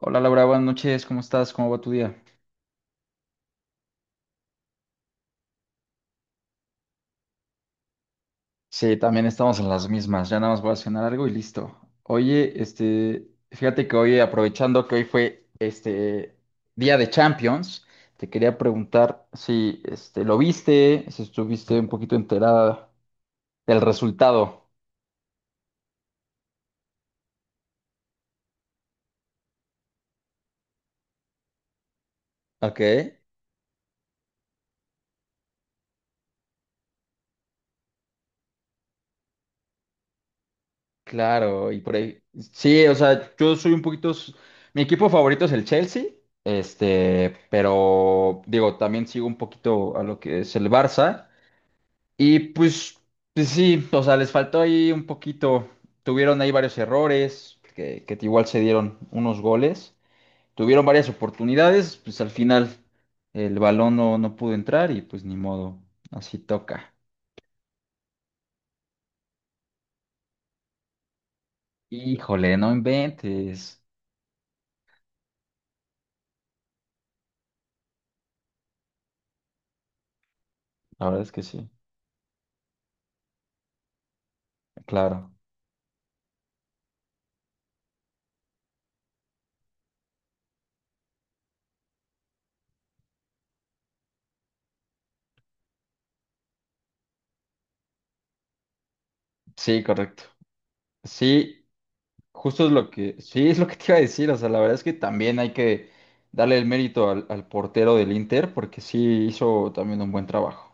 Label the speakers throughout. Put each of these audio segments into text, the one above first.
Speaker 1: Hola Laura, buenas noches, ¿cómo estás? ¿Cómo va tu día? Sí, también estamos en las mismas, ya nada más voy a cenar algo y listo. Oye, fíjate que hoy, aprovechando que hoy fue día de Champions, te quería preguntar si lo viste, si estuviste un poquito enterada del resultado. Ok, claro, y por ahí. Sí, o sea, yo soy un poquito. Mi equipo favorito es el Chelsea, pero digo, también sigo un poquito a lo que es el Barça. Y pues, pues sí, o sea, les faltó ahí un poquito. Tuvieron ahí varios errores, que igual se dieron unos goles. Tuvieron varias oportunidades, pues al final el balón no pudo entrar y pues ni modo, así toca. Híjole, no inventes. La verdad es que sí, claro. Sí, correcto. Sí, justo es lo que, sí, es lo que te iba a decir. O sea, la verdad es que también hay que darle el mérito al portero del Inter porque sí hizo también un buen trabajo.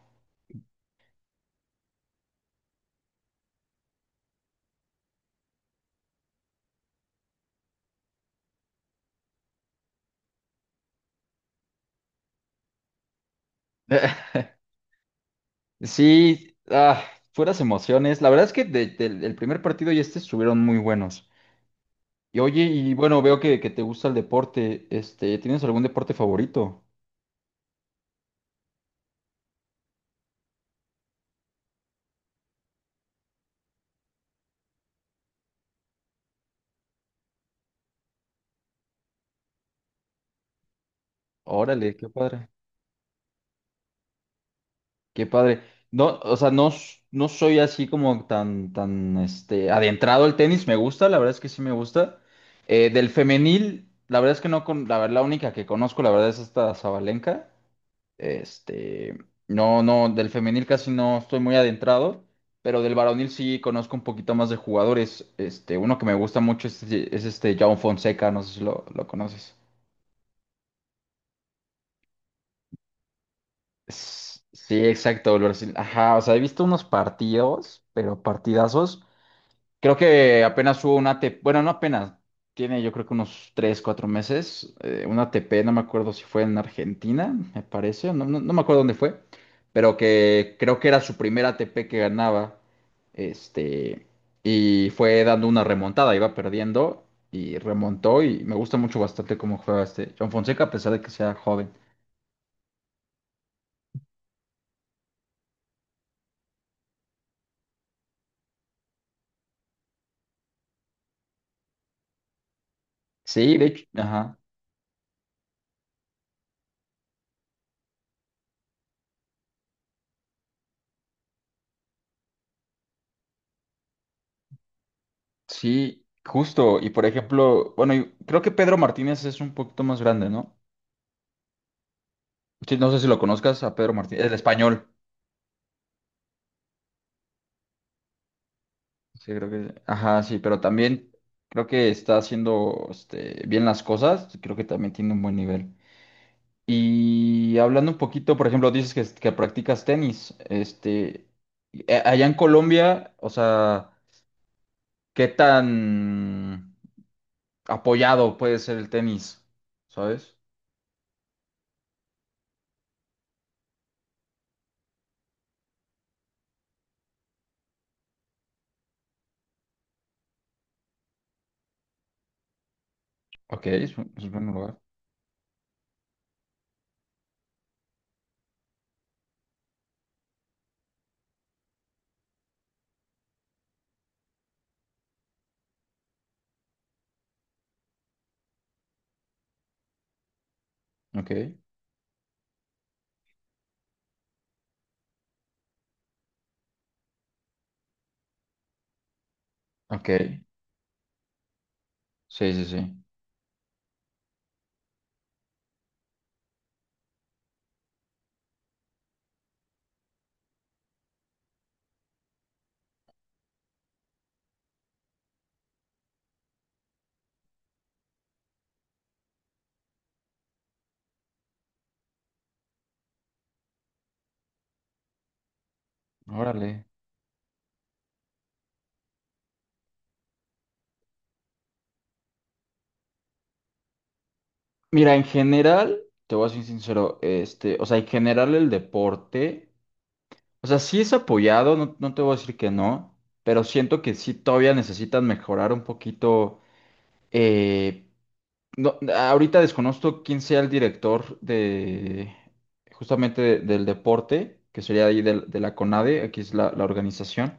Speaker 1: Sí, ah, puras emociones. La verdad es que de- del el primer partido y estuvieron muy buenos. Y oye, y bueno, veo que te gusta el deporte. ¿tienes algún deporte favorito? Órale, qué padre. Qué padre. No, o sea, no, no soy así como tan, tan, adentrado al tenis. Me gusta, la verdad es que sí me gusta. Del femenil, la verdad es que no con, la única que conozco, la verdad es esta Sabalenka. Este, no, no, del femenil casi no estoy muy adentrado, pero del varonil sí conozco un poquito más de jugadores. Uno que me gusta mucho es João Fonseca, no sé si lo conoces. Sí, exacto, el Brasil. Ajá, o sea, he visto unos partidos, pero partidazos. Creo que apenas hubo una ATP, bueno, no apenas, tiene yo creo que unos 3 4 meses, una ATP, no me acuerdo si fue en Argentina, me parece, no me acuerdo dónde fue, pero que creo que era su primera ATP que ganaba, este, y fue dando una remontada, iba perdiendo y remontó y me gusta mucho bastante cómo juega este John Fonseca a pesar de que sea joven. Sí, de hecho, ajá, sí, justo, y por ejemplo, bueno, y creo que Pedro Martínez es un poquito más grande, ¿no? Sí, no sé si lo conozcas a Pedro Martínez, el español. Sí, creo que. Ajá, sí, pero también creo que está haciendo bien las cosas. Creo que también tiene un buen nivel. Y hablando un poquito, por ejemplo, dices que practicas tenis. Allá en Colombia, o sea, ¿qué tan apoyado puede ser el tenis? ¿Sabes? Ok, es un buen lugar. Ok, ok. Sí, sí, sí. Órale. Mira, en general, te voy a ser sincero, o sea, en general el deporte, o sea, sí es apoyado, no, no te voy a decir que no, pero siento que sí todavía necesitan mejorar un poquito. eh, no, ahorita desconozco quién sea el director de justamente del deporte, que sería ahí de la CONADE, aquí es la, la organización.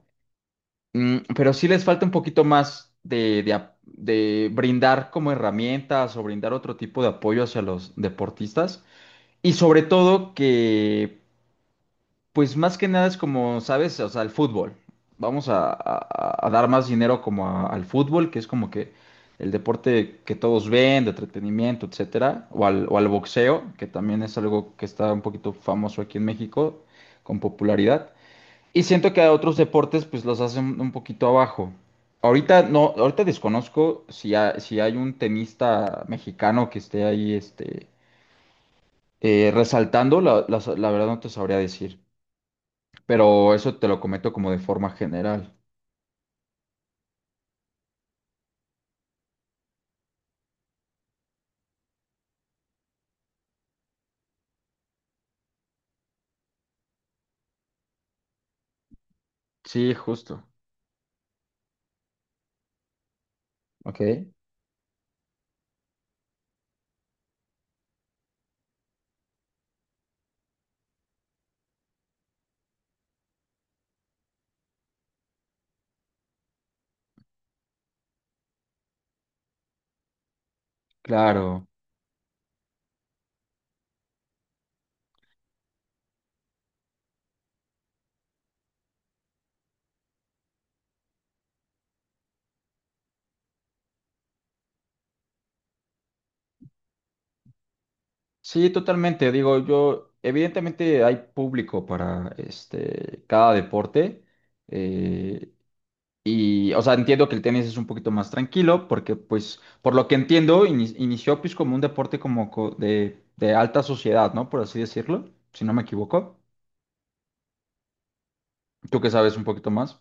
Speaker 1: Mm, pero sí les falta un poquito más de brindar como herramientas o brindar otro tipo de apoyo hacia los deportistas. Y sobre todo que, pues más que nada es como, ¿sabes? O sea, el fútbol. Vamos a dar más dinero como al fútbol, que es como que el deporte que todos ven, de entretenimiento, etcétera, o al boxeo, que también es algo que está un poquito famoso aquí en México, con popularidad. Y siento que a otros deportes, pues los hacen un poquito abajo. Ahorita desconozco si, si hay un tenista mexicano que esté ahí, resaltando, la verdad no te sabría decir, pero eso te lo comento como de forma general. Sí, justo. Ok, claro. Sí, totalmente. Digo, yo, evidentemente hay público para cada deporte. eh, y, o sea, entiendo que el tenis es un poquito más tranquilo porque, pues, por lo que entiendo, inició pues como un deporte de alta sociedad, ¿no? Por así decirlo, si no me equivoco. Tú que sabes un poquito más.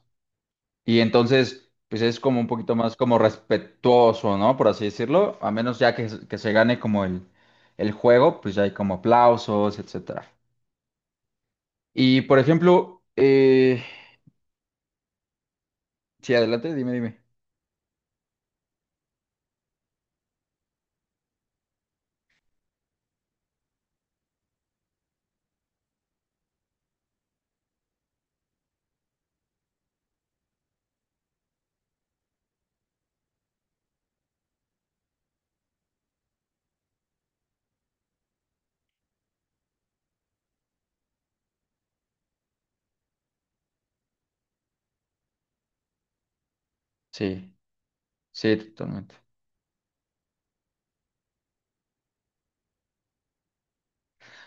Speaker 1: Y entonces, pues es como un poquito más como respetuoso, ¿no? Por así decirlo. A menos ya que se gane como el juego, pues ya hay como aplausos, etcétera. Y por ejemplo, sí, adelante, dime, dime. Sí, sí, totalmente.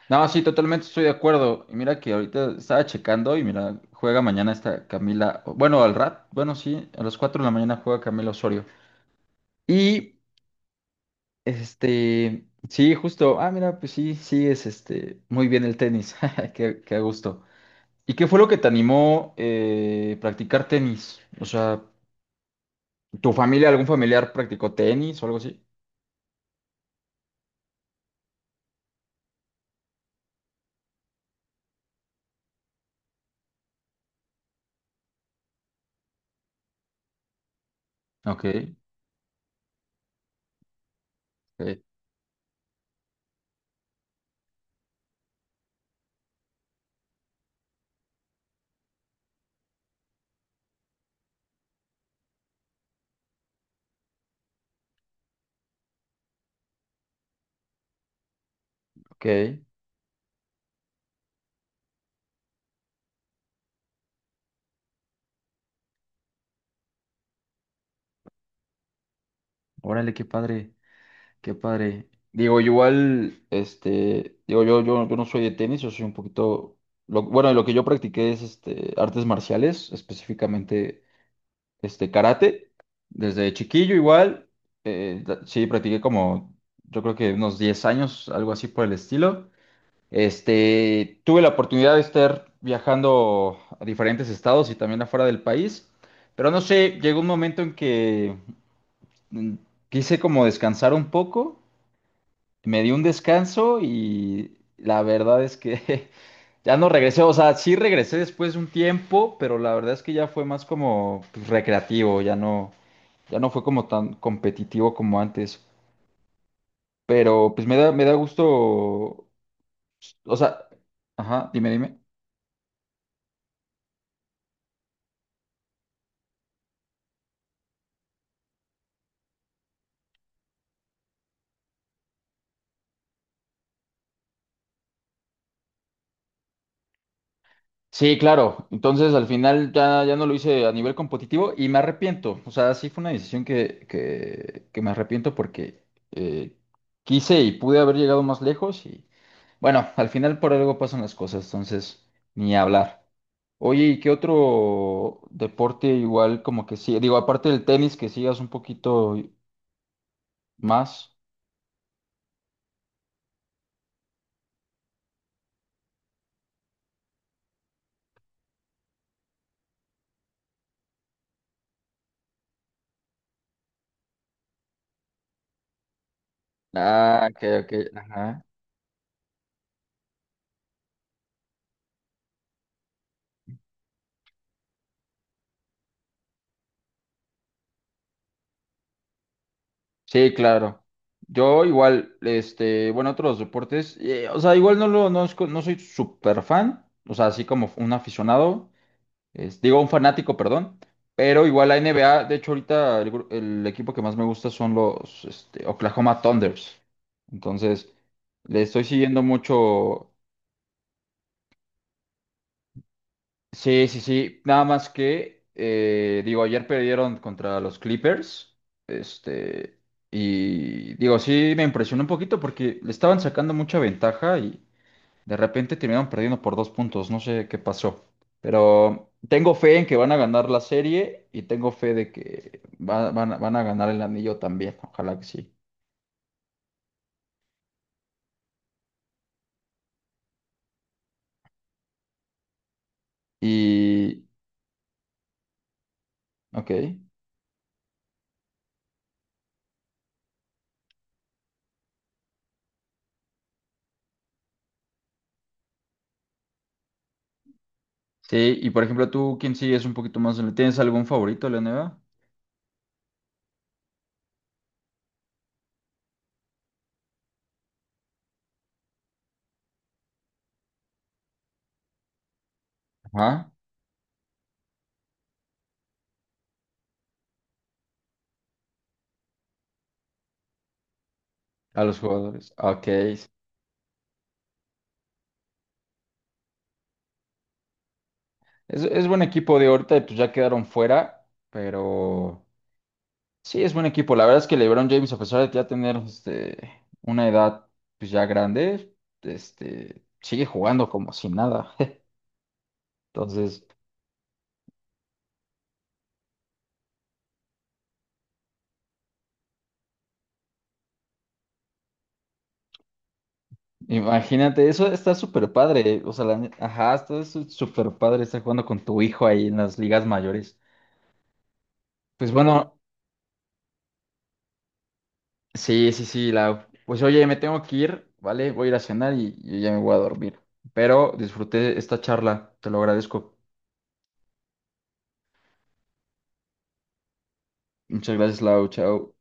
Speaker 1: No, sí, totalmente estoy de acuerdo. Y mira que ahorita estaba checando y mira, juega mañana esta Camila, bueno, al rat, bueno, sí, a las 4 de la mañana juega Camila Osorio. Y sí, justo. Ah, mira, pues sí, sí es muy bien el tenis. Qué, qué a gusto. ¿Y qué fue lo que te animó practicar tenis? O sea, ¿tu familia, algún familiar practicó tenis o algo así? Ok, ok, ok. Órale, qué padre, qué padre. Digo, igual, digo, yo no soy de tenis, yo soy un poquito. Lo- bueno, lo que yo practiqué es artes marciales, específicamente karate, desde chiquillo igual, sí, practiqué como, yo creo que unos 10 años, algo así por el estilo. Tuve la oportunidad de estar viajando a diferentes estados y también afuera del país, pero no sé, llegó un momento en que mm, quise como descansar un poco, me di un descanso y la verdad es que ya no regresé, o sea, sí regresé después de un tiempo, pero la verdad es que ya fue más como pues, recreativo, ya ya no fue como tan competitivo como antes, pero pues me da gusto, o sea, ajá, dime, dime. Sí, claro, entonces al final ya, ya no lo hice a nivel competitivo y me arrepiento, o sea, sí fue una decisión que me arrepiento porque eh, quise y pude haber llegado más lejos y bueno, al final por algo pasan las cosas, entonces ni hablar. Oye, ¿y qué otro deporte igual como que sí? Digo, aparte del tenis, que sigas un poquito más. Ah, ok, ok, ajá. Sí, claro. Yo igual, bueno, otros deportes, o sea, igual no lo, no, no soy súper fan, o sea, así como un aficionado, digo, un fanático, perdón, pero igual la NBA, de hecho, ahorita el equipo que más me gusta son los, Oklahoma Thunders. Entonces, le estoy siguiendo mucho, sí, sí, sí. Nada más que, digo, ayer perdieron contra los Clippers. Este, y digo, sí me impresionó un poquito porque le estaban sacando mucha ventaja y de repente terminaron perdiendo por dos puntos. No sé qué pasó. Pero tengo fe en que van a ganar la serie y tengo fe de que van a ganar el anillo también. Ojalá que sí. Y, ok. Sí, y por ejemplo, tú, ¿quién sí es un poquito más? ¿Le tienes algún favorito, Leoneva? Ajá. A los jugadores. Ok. Es buen equipo de ahorita, pues ya quedaron fuera, pero sí, es buen equipo. La verdad es que LeBron James, a pesar de ya tener una edad pues ya grande, sigue jugando como si nada. Entonces, imagínate, eso está súper padre. O sea, ajá, está súper padre estar jugando con tu hijo ahí en las ligas mayores. Pues bueno. Sí, sí, sí, la... Pues oye, me tengo que ir, ¿vale? Voy a ir a cenar y ya me voy a dormir. Pero disfruté esta charla, te lo agradezco. Muchas gracias, Lau, chao.